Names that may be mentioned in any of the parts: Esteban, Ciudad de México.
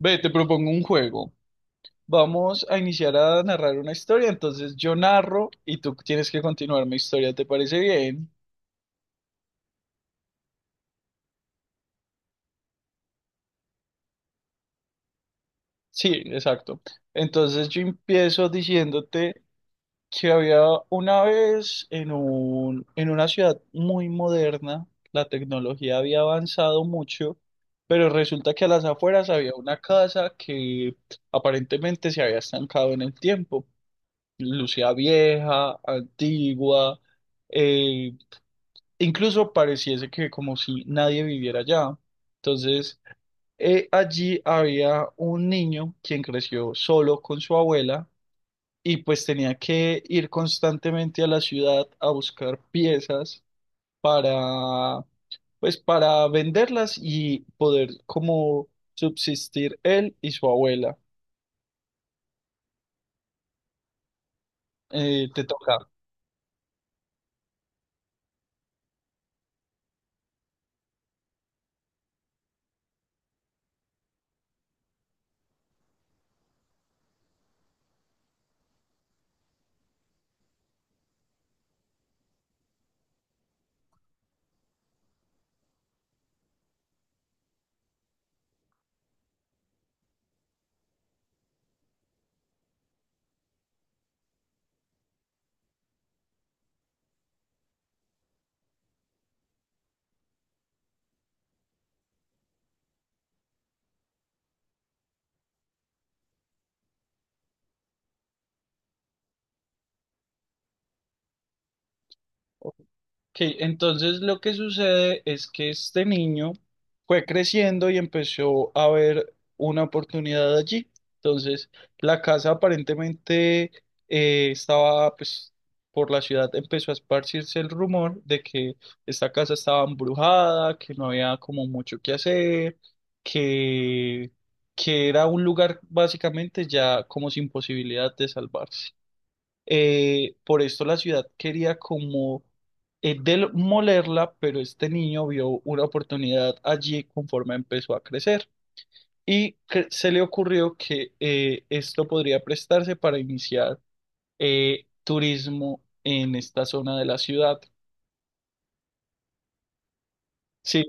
Ve, te propongo un juego. Vamos a iniciar a narrar una historia, entonces yo narro y tú tienes que continuar mi historia, ¿te parece bien? Sí, exacto. Entonces yo empiezo diciéndote que había una vez en una ciudad muy moderna, la tecnología había avanzado mucho, pero resulta que a las afueras había una casa que aparentemente se había estancado en el tiempo. Lucía vieja, antigua, eh, incluso pareciese que como si nadie viviera allá. Entonces, allí había un niño quien creció solo con su abuela y pues tenía que ir constantemente a la ciudad a buscar piezas para, pues para venderlas y poder como subsistir él y su abuela. Te toca. Ok, entonces lo que sucede es que este niño fue creciendo y empezó a ver una oportunidad allí. Entonces, la casa aparentemente estaba, pues, por la ciudad empezó a esparcirse el rumor de que esta casa estaba embrujada, que no había como mucho que hacer, que, que era un lugar básicamente ya como sin posibilidad de salvarse. Por esto la ciudad quería como demolerla, pero este niño vio una oportunidad allí conforme empezó a crecer y que se le ocurrió que esto podría prestarse para iniciar turismo en esta zona de la ciudad. Sí,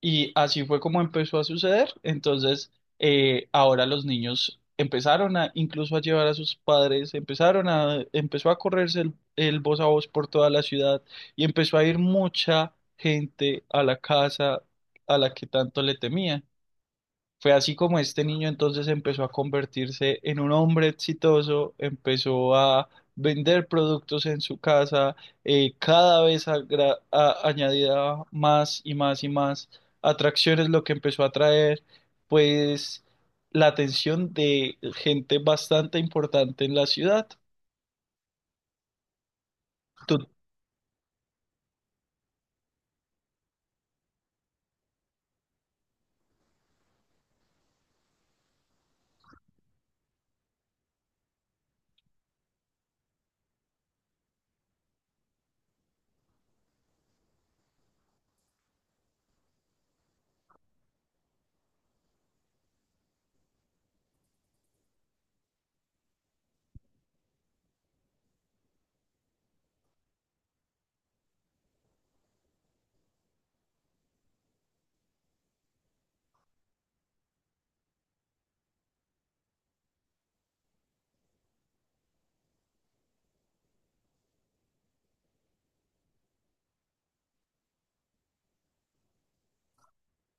y así fue como empezó a suceder. Entonces, ahora los niños empezaron a, incluso a llevar a sus padres, empezó a correrse el voz a voz por toda la ciudad y empezó a ir mucha gente a la casa a la que tanto le temían. Fue así como este niño entonces empezó a convertirse en un hombre exitoso, empezó a vender productos en su casa, cada vez añadía más y más y más atracciones, lo que empezó a atraer, pues la atención de gente bastante importante en la ciudad. Tú-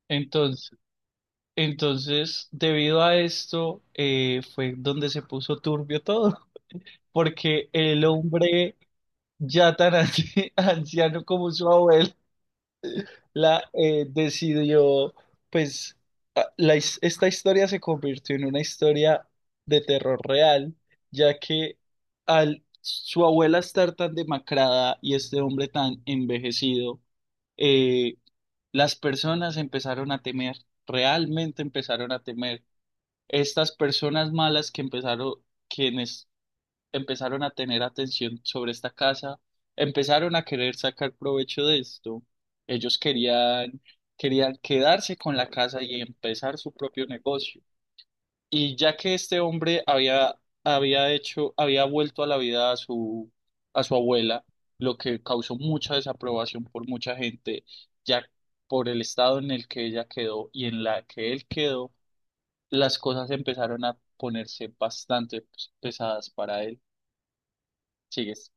Entonces, debido a esto, fue donde se puso turbio todo, porque el hombre ya tan anciano como su abuelo, la decidió, pues, esta historia se convirtió en una historia de terror real, ya que al su abuela estar tan demacrada y este hombre tan envejecido, eh, las personas empezaron a temer, realmente empezaron a temer. Estas personas malas que empezaron, quienes empezaron a tener atención sobre esta casa, empezaron a querer sacar provecho de esto. Ellos querían, querían quedarse con la casa y empezar su propio negocio. Y ya que este hombre había vuelto a la vida a a su abuela, lo que causó mucha desaprobación por mucha gente, ya por el estado en el que ella quedó y en la que él quedó, las cosas empezaron a ponerse bastante pues, pesadas para él. Sigues.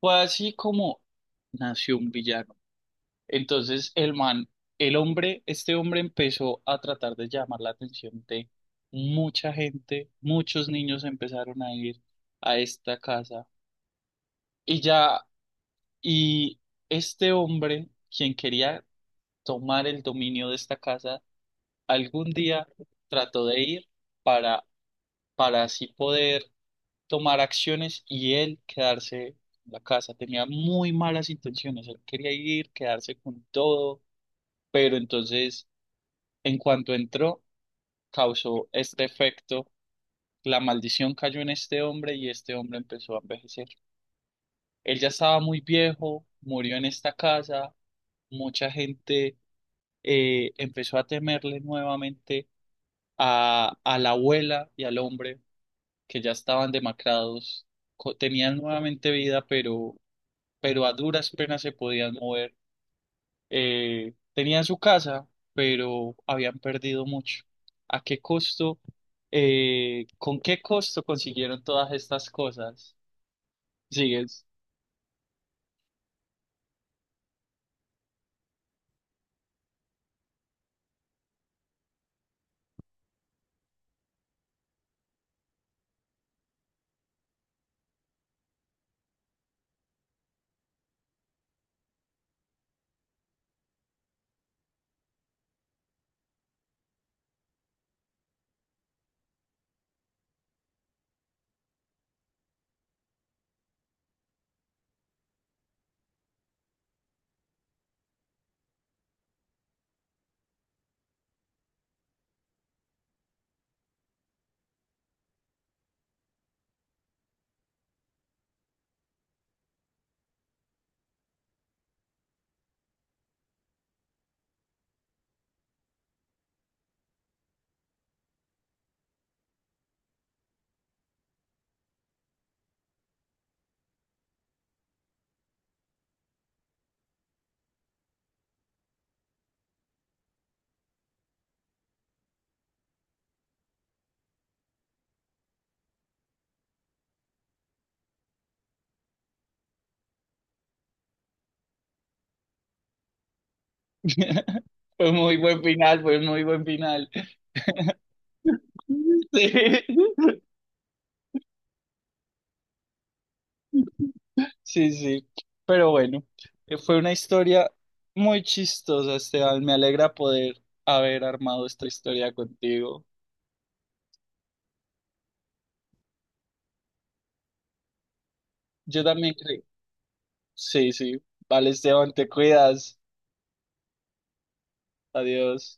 Fue así como nació un villano. Entonces el man, el hombre, este hombre empezó a tratar de llamar la atención de mucha gente, muchos niños empezaron a ir a esta casa y ya, y este hombre, quien quería tomar el dominio de esta casa, algún día trató de ir para, para así poder tomar acciones y él quedarse en la casa. Tenía muy malas intenciones, él quería ir, quedarse con todo, pero entonces en cuanto entró, causó este efecto. La maldición cayó en este hombre y este hombre empezó a envejecer. Él ya estaba muy viejo, murió en esta casa, mucha gente empezó a temerle nuevamente a la abuela y al hombre que ya estaban demacrados, tenían nuevamente vida, pero a duras penas se podían mover. Tenían su casa, pero habían perdido mucho. ¿A qué costo? ¿Con qué costo consiguieron todas estas cosas? Sigues. Fue muy buen final, fue muy buen final. Sí, sí, sí. Pero bueno, fue una historia muy chistosa, Esteban. Me alegra poder haber armado esta historia contigo. Yo también creo. Sí, sí. Vale, Esteban, te cuidas. Adiós.